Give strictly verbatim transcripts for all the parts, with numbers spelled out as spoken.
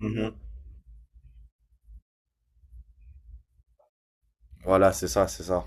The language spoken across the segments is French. Mhm. Voilà, c'est ça, c'est ça.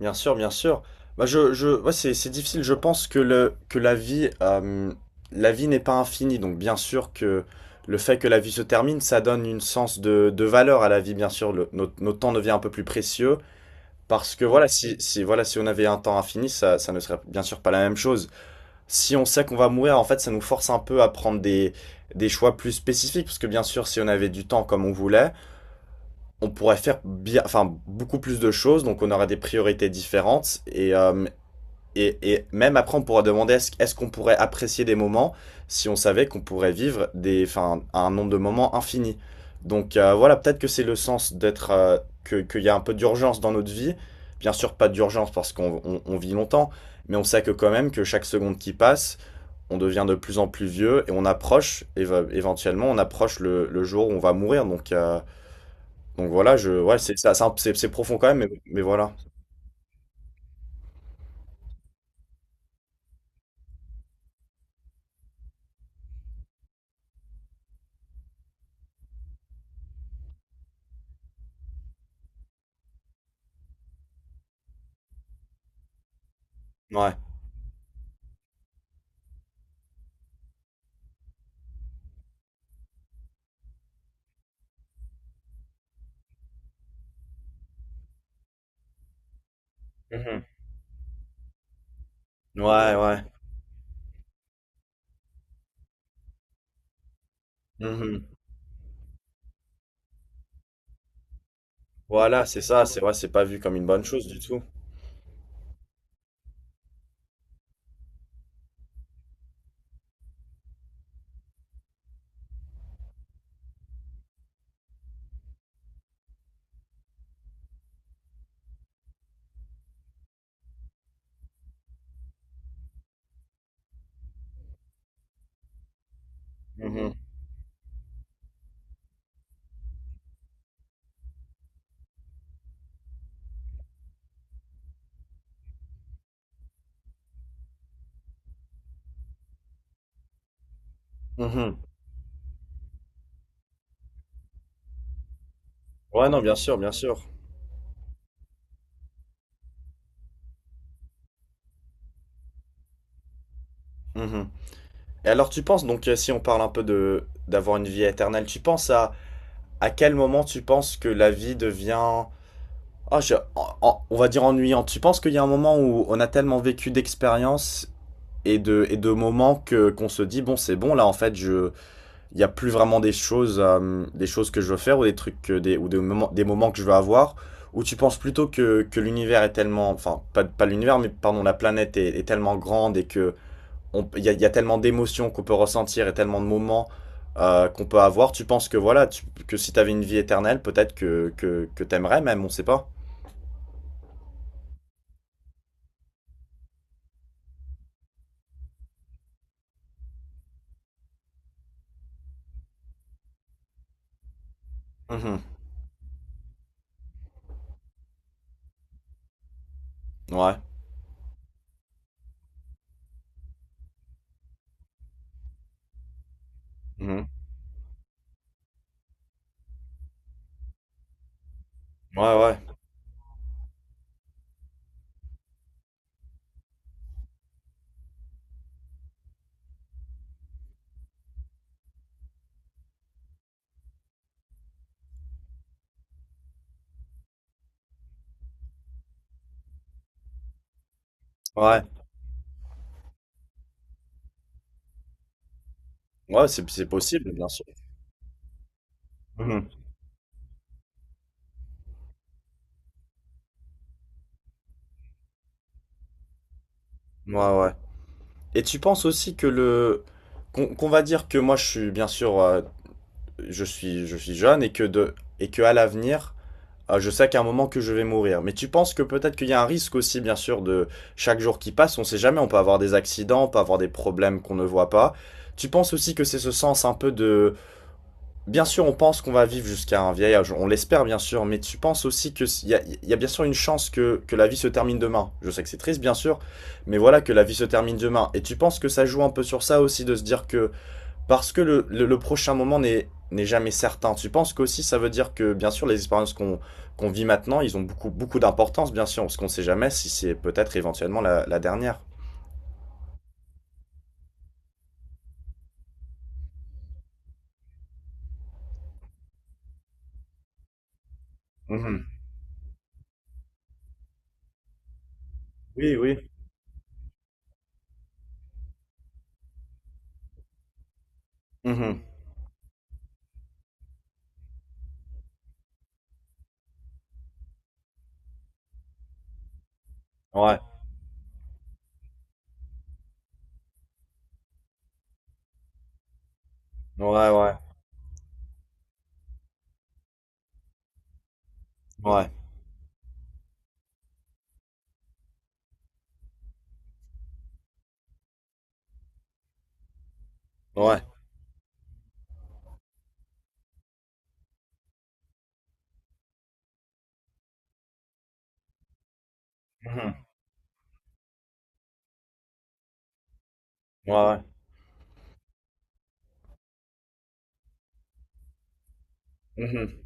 Bien sûr, bien sûr. Bah, je, je, ouais, c'est, c'est difficile. Je pense que le, que la vie, euh, la vie n'est pas infinie. Donc, bien sûr que le fait que la vie se termine, ça donne une sens de, de valeur à la vie. Bien sûr, le, notre, notre temps devient un peu plus précieux parce que voilà, si, si, voilà, si on avait un temps infini, ça, ça ne serait bien sûr pas la même chose. Si on sait qu'on va mourir, en fait, ça nous force un peu à prendre des, des choix plus spécifiques parce que bien sûr, si on avait du temps comme on voulait, on pourrait faire bien, enfin, beaucoup plus de choses, donc on aura des priorités différentes. Et, euh, et, et même après, on pourra demander est-ce, est-ce qu'on pourrait apprécier des moments si on savait qu'on pourrait vivre des, enfin, un nombre de moments infini. Donc euh, voilà, peut-être que c'est le sens d'être, euh, que, qu'il y a un peu d'urgence dans notre vie. Bien sûr, pas d'urgence parce qu'on on- on vit longtemps, mais on sait que quand même que chaque seconde qui passe, on devient de plus en plus vieux et on approche, éve- éventuellement, on approche le, le jour où on va mourir. Donc euh, donc voilà, je, ouais, c'est ça, c'est un- c'est- c'est profond quand même, mais, mais voilà. Ouais. Mhm. Ouais, ouais. Mhm. Voilà, c'est ça, c'est ouais, c'est pas vu comme une bonne chose du tout. Mhm. Mhm. Ouais, non, bien sûr, bien sûr. Mhm. Et alors, tu penses, donc, euh, si on parle un peu de d'avoir une vie éternelle, tu penses à à quel moment tu penses que la vie devient, ah, je- en- en- on va dire ennuyante. Tu penses qu'il y a un moment où on a tellement vécu d'expériences et de et de moments que qu'on se dit bon, c'est bon là, en fait, je il n'y a plus vraiment des choses, euh, des choses que je veux faire ou des trucs, euh, des, ou des moments, des moments que je veux avoir, où tu penses plutôt que, que l'univers est tellement, enfin, pas, pas l'univers, mais pardon, la planète est, est tellement grande et que on- il y a, il y a tellement d'émotions qu'on peut ressentir et tellement de moments euh, qu'on peut avoir. Tu penses que voilà, tu- que si t'avais une vie éternelle, peut-être que, que, que t'aimerais même, on sait pas. Mhm. Ouais. Mhm. Ouais, ouais. Ouais. Ouais, c'est, c'est possible, bien sûr. Mhm. Ouais, ouais. Et tu penses aussi que le qu'on qu'on va dire que moi je suis bien sûr euh, je suis je suis jeune et que de et que à l'avenir euh, je sais qu'à un moment que je vais mourir. Mais tu penses que peut-être qu'il y a un risque aussi bien sûr de chaque jour qui passe, on sait jamais, on peut avoir des accidents, on peut avoir des problèmes qu'on ne voit pas. Tu penses aussi que c'est ce sens un peu de. Bien sûr, on pense qu'on va vivre jusqu'à un vieil âge, on l'espère bien sûr, mais tu penses aussi que y a, il y a bien sûr une chance que, que la vie se termine demain. Je sais que c'est triste, bien sûr, mais voilà que la vie se termine demain. Et tu penses que ça joue un peu sur ça aussi, de se dire que parce que le, le, le prochain moment n'est n'est jamais certain. Tu penses qu'aussi ça veut dire que, bien sûr, les expériences qu'on qu'on vit maintenant, ils ont beaucoup, beaucoup d'importance, bien sûr, parce qu'on ne sait jamais si c'est peut-être éventuellement la, la dernière. Mhm. Oui, oui. Mhm. Ouais, ouais, ouais, ouais, ouais. Mhm. Ouais, ouais. Mhm.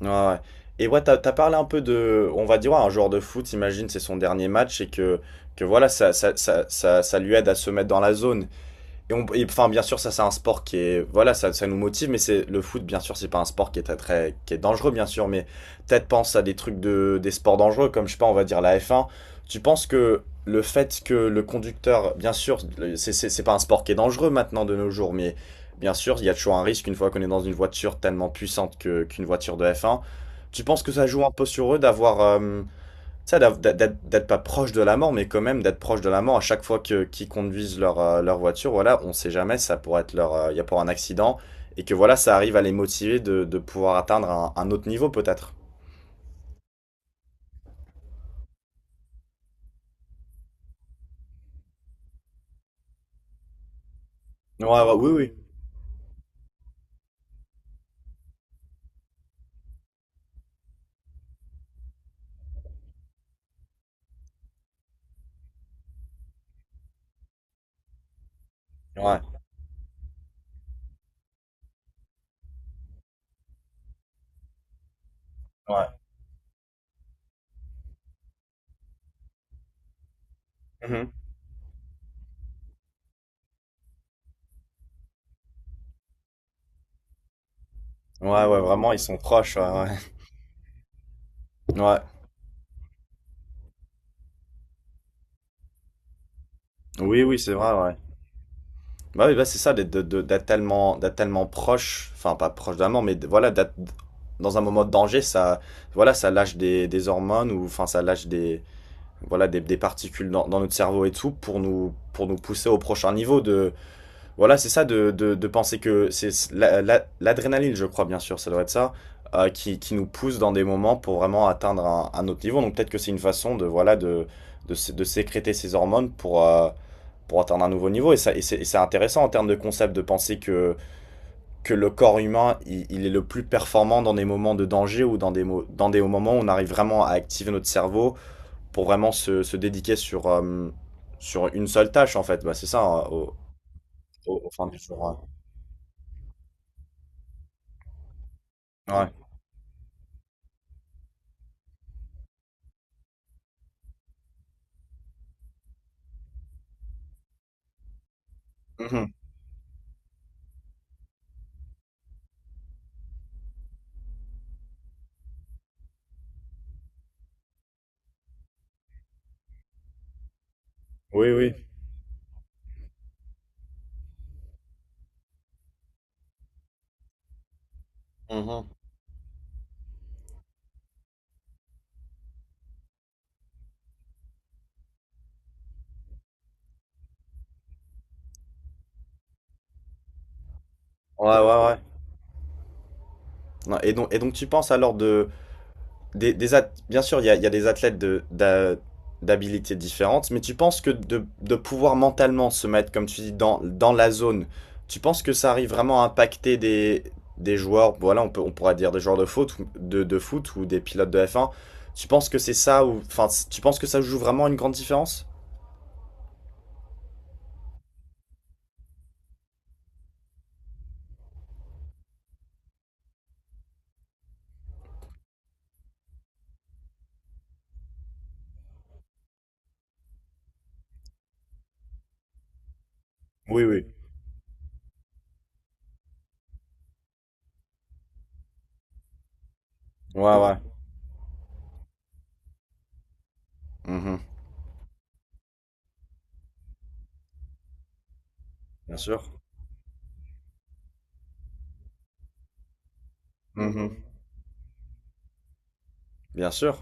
Ouais, ouais. Et ouais, t'as, t'as parlé un peu de, on va dire, ouais, un joueur de foot, imagine, c'est son dernier match et que, que voilà, ça, ça, ça, ça, ça lui aide à se mettre dans la zone. Et on- et, enfin, bien sûr, ça, c'est un sport qui est, voilà, ça, ça nous motive, mais c'est le foot, bien sûr, c'est pas un sport qui est très, très, qui est dangereux, bien sûr, mais peut-être pense à des trucs de, des sports dangereux, comme, je sais pas, on va dire la F un. Tu penses que le fait que le conducteur, bien sûr, le- c'est, c'est, c'est pas un sport qui est dangereux maintenant de nos jours, mais bien sûr, il y a toujours un risque une fois qu'on est dans une voiture tellement puissante que, qu'une voiture de F un. Tu penses que ça joue un peu sur eux d'avoir, euh, ça, d'être d'être pas proche de la mort, mais quand même d'être proche de la mort à chaque fois que qu'ils conduisent leur, euh, leur voiture, voilà, on sait jamais, ça pourrait être leur, euh, il y a pour un accident, et que voilà, ça arrive à les motiver de, de pouvoir atteindre un, un autre niveau peut-être. Ouais, ouais, oui, oui. Ouais, ouais. Mhm. Ouais, ouais, vraiment, ils sont proches, ouais, ouais. Ouais. Oui, oui, c'est vrai, ouais. Bah oui, bah c'est ça, d'être de- de- d'être tellement, d'être tellement proche, enfin pas proche de la mort, mais d- voilà, d'être dans un moment de danger, ça, voilà, ça lâche des, des hormones, ou enfin ça lâche des voilà, des, des particules dans, dans notre cerveau et tout pour nous, pour nous pousser au prochain niveau de, voilà, c'est ça, de, de, de penser que c'est la- la- l'adrénaline, je crois, bien sûr, ça doit être ça, euh, qui, qui nous pousse dans des moments pour vraiment atteindre un, un autre niveau. Donc peut-être que c'est une façon de, voilà, de, de, sé- de sécréter ces hormones pour, euh, pour atteindre un nouveau niveau. Et, ça, et c'est et c'est intéressant en termes de concept de penser que, que le corps humain, il, il est le plus performant dans des moments de danger ou dans des, mo- dans des moments où on arrive vraiment à activer notre cerveau pour vraiment se, se dédiquer sur, euh, sur une seule tâche, en fait. Bah, c'est ça, hein, au, au, au fin du jour, hein. Ouais. Mhm. Oui, oui. Mhm. Ouais, ouais, ouais. Non, et donc, et donc, tu penses alors de, Des, des ath- Bien sûr, il y a, il y a des athlètes de, d'a- d'habilités différentes, mais tu penses que de, de pouvoir mentalement se mettre, comme tu dis, dans, dans la zone, tu penses que ça arrive vraiment à impacter des, des joueurs, voilà, on peut, on pourra dire des joueurs de foot, ou- de, de foot ou des pilotes de F un, tu penses que c'est ça, ou, enfin, tu penses que ça joue vraiment une grande différence? Oui, oui. Ouais, ouais. Mhm. Bien sûr. Mhm. Bien sûr.